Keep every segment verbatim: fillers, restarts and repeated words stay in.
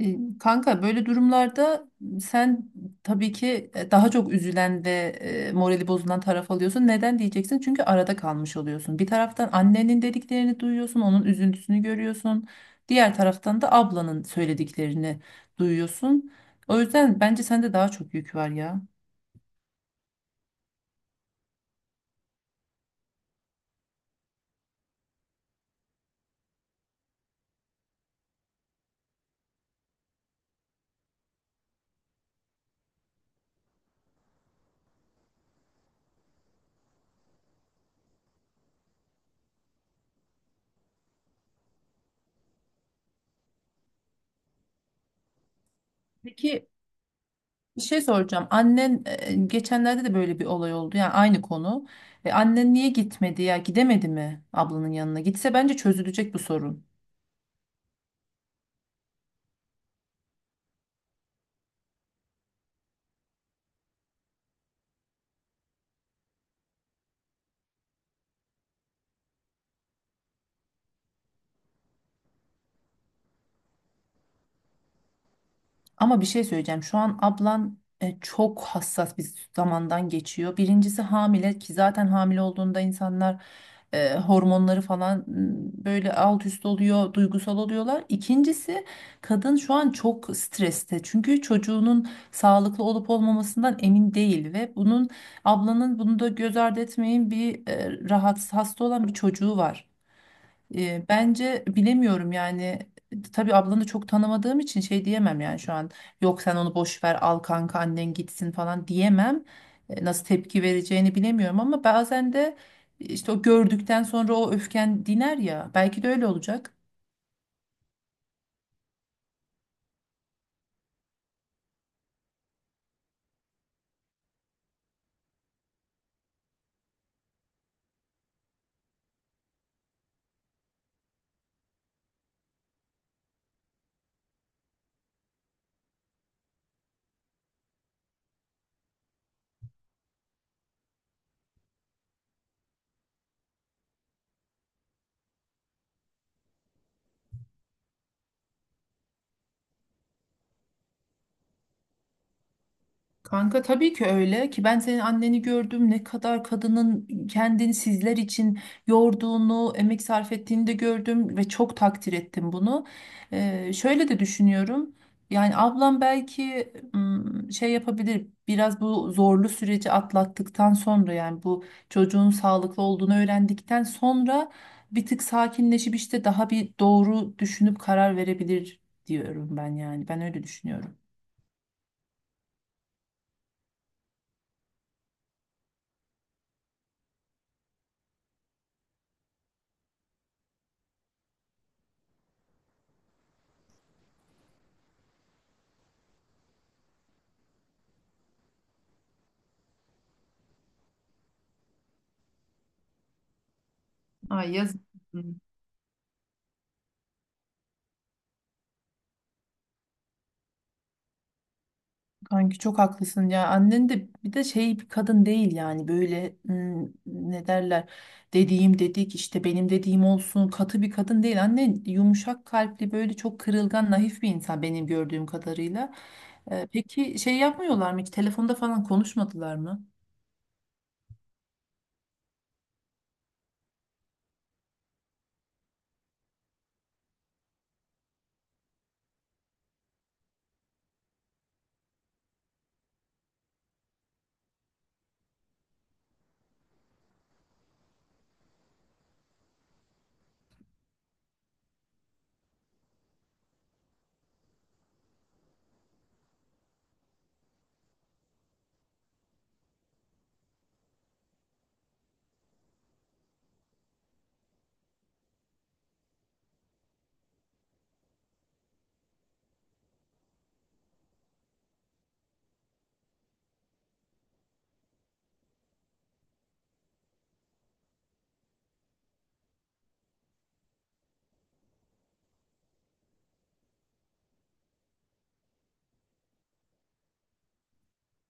E, Kanka böyle durumlarda sen tabii ki e, daha çok üzülen ve e, morali bozulan taraf alıyorsun. Neden diyeceksin? Çünkü arada kalmış oluyorsun. Bir taraftan annenin dediklerini duyuyorsun, onun üzüntüsünü görüyorsun. Diğer taraftan da ablanın söylediklerini duyuyorsun. O yüzden bence sende daha çok yük var ya. Peki bir şey soracağım. Annen e, geçenlerde de böyle bir olay oldu. Yani aynı konu. E, annen niye gitmedi ya? Gidemedi mi ablanın yanına? Gitse bence çözülecek bu sorun. Ama bir şey söyleyeceğim. Şu an ablan e, çok hassas bir zamandan geçiyor. Birincisi hamile ki zaten hamile olduğunda insanlar e, hormonları falan m, böyle alt üst oluyor, duygusal oluyorlar. İkincisi kadın şu an çok streste. Çünkü çocuğunun sağlıklı olup olmamasından emin değil ve bunun ablanın bunu da göz ardı etmeyin bir e, rahatsız hasta olan bir çocuğu var. E, bence bilemiyorum yani tabii ablanı çok tanımadığım için şey diyemem yani şu an yok sen onu boş ver al kanka annen gitsin falan diyemem. E, nasıl tepki vereceğini bilemiyorum ama bazen de işte o gördükten sonra o öfken diner ya belki de öyle olacak. Kanka tabii ki öyle ki ben senin anneni gördüm ne kadar kadının kendini sizler için yorduğunu, emek sarf ettiğini de gördüm ve çok takdir ettim bunu. Ee, şöyle de düşünüyorum. Yani ablam belki ım, şey yapabilir biraz bu zorlu süreci atlattıktan sonra yani bu çocuğun sağlıklı olduğunu öğrendikten sonra bir tık sakinleşip işte daha bir doğru düşünüp karar verebilir diyorum ben yani ben öyle düşünüyorum. Ay yazık. Kanki çok haklısın ya. Annen de bir de şey bir kadın değil yani böyle hmm, ne derler dediğim dedik işte benim dediğim olsun katı bir kadın değil. Annen yumuşak kalpli böyle çok kırılgan naif bir insan benim gördüğüm kadarıyla. Ee, peki şey yapmıyorlar mı hiç telefonda falan konuşmadılar mı?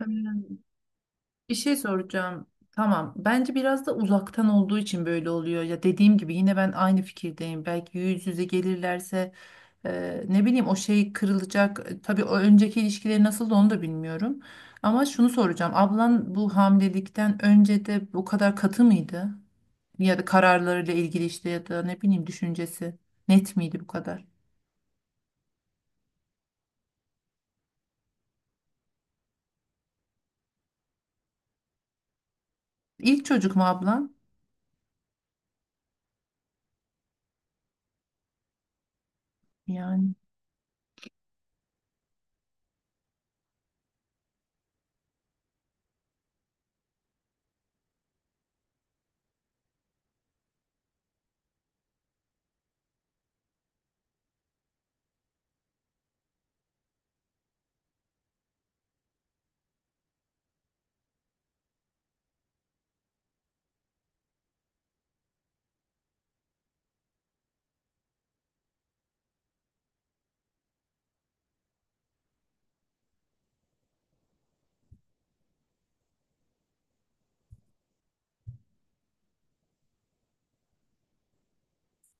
Hmm, Bir şey soracağım. Tamam. Bence biraz da uzaktan olduğu için böyle oluyor. Ya dediğim gibi yine ben aynı fikirdeyim. Belki yüz yüze gelirlerse Eee, ne bileyim o şey kırılacak. E, Tabii o önceki ilişkileri nasıldı onu da bilmiyorum. Ama şunu soracağım. Ablan bu hamilelikten önce de bu kadar katı mıydı? Ya da kararlarıyla ilgili işte ya da ne bileyim düşüncesi net miydi bu kadar? İlk çocuk mu ablan? Yani.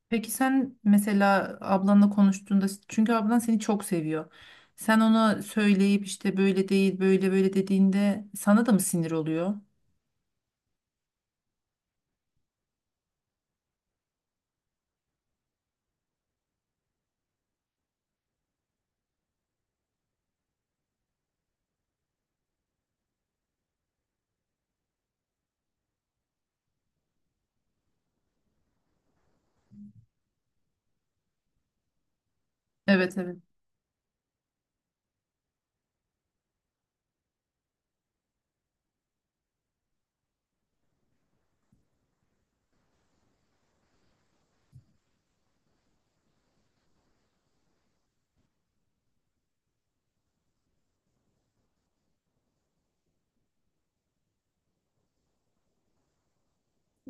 Peki sen mesela ablanla konuştuğunda çünkü ablan seni çok seviyor. Sen ona söyleyip işte böyle değil böyle böyle dediğinde sana da mı sinir oluyor? Evet, evet.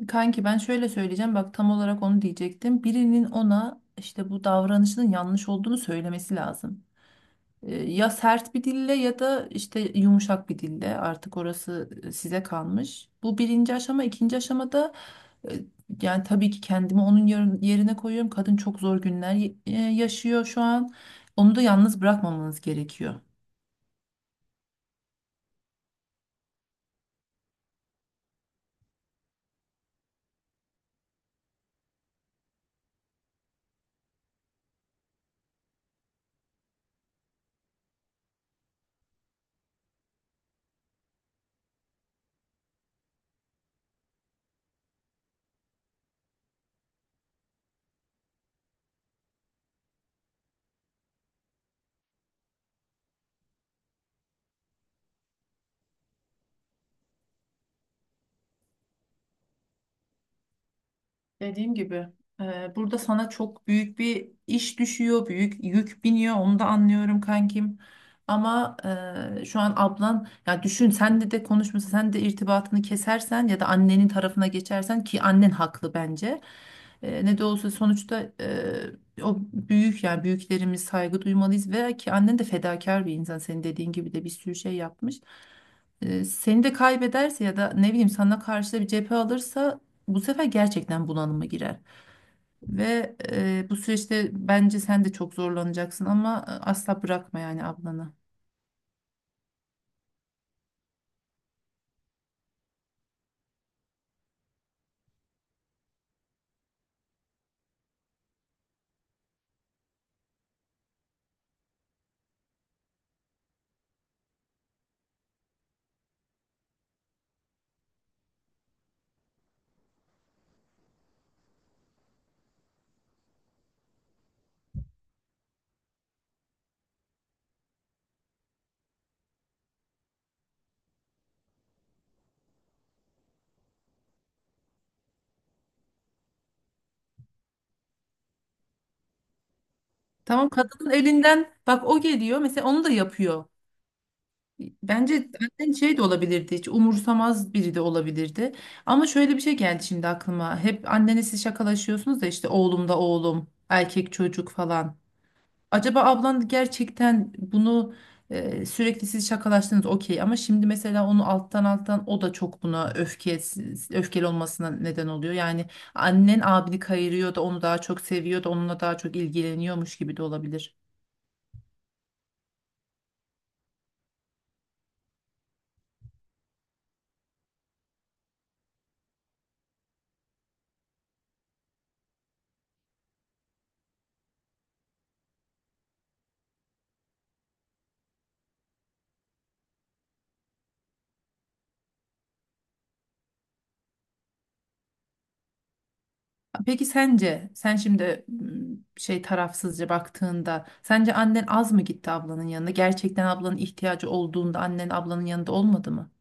Kanki ben şöyle söyleyeceğim bak tam olarak onu diyecektim. Birinin ona işte bu davranışının yanlış olduğunu söylemesi lazım. Ee, Ya sert bir dille ya da işte yumuşak bir dille artık orası e, size kalmış. Bu birinci aşama. İkinci aşamada e, yani tabii ki kendimi onun yer- yerine koyuyorum. Kadın çok zor günler y- e, yaşıyor şu an. Onu da yalnız bırakmamanız gerekiyor. Dediğim gibi e, burada sana çok büyük bir iş düşüyor, büyük yük biniyor. Onu da anlıyorum kankim. Ama e, şu an ablan ya düşün sen de de konuşması, sen de irtibatını kesersen ya da annenin tarafına geçersen ki annen haklı bence. E, ne de olsa sonuçta e, o büyük yani büyüklerimiz saygı duymalıyız ve ki annen de fedakar bir insan. Senin dediğin gibi de bir sürü şey yapmış. E, seni de kaybederse ya da ne bileyim sana karşı da bir cephe alırsa bu sefer gerçekten bunalıma girer. Ve e, bu süreçte bence sen de çok zorlanacaksın ama e, asla bırakma yani ablanı. Tamam, kadının elinden bak o geliyor mesela onu da yapıyor. Bence annen şey de olabilirdi, hiç umursamaz biri de olabilirdi. Ama şöyle bir şey geldi şimdi aklıma. Hep annenle siz şakalaşıyorsunuz da işte oğlum da oğlum erkek çocuk falan. Acaba ablan gerçekten bunu e, sürekli siz şakalaştınız okey ama şimdi mesela onu alttan alttan o da çok buna öfke öfkeli olmasına neden oluyor. Yani annen abini kayırıyor da onu daha çok seviyor da onunla daha çok ilgileniyormuş gibi de olabilir. Peki sence sen şimdi m, şey tarafsızca baktığında sence annen az mı gitti ablanın yanına? Gerçekten ablanın ihtiyacı olduğunda annen ablanın yanında olmadı mı?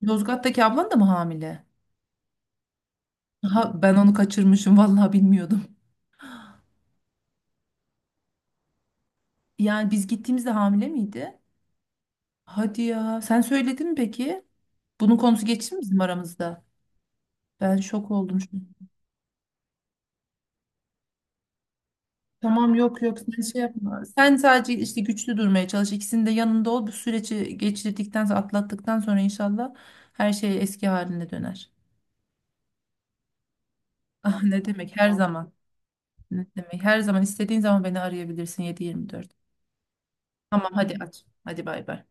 Yozgat'taki ablan da mı hamile? Ha, ben onu kaçırmışım vallahi bilmiyordum. Yani biz gittiğimizde hamile miydi? Hadi ya. Sen söyledin mi peki? Bunun konusu geçti mi bizim aramızda? Ben şok oldum şu an. Tamam, yok yok, sen şey yapma. Sen sadece işte güçlü durmaya çalış. İkisinin de yanında ol. Bu süreci geçirdikten sonra atlattıktan sonra inşallah her şey eski haline döner. Ah ne demek her Tamam. zaman. Ne demek, her zaman istediğin zaman beni arayabilirsin yedi yirmi dört. Tamam hadi aç. Hadi bay bay.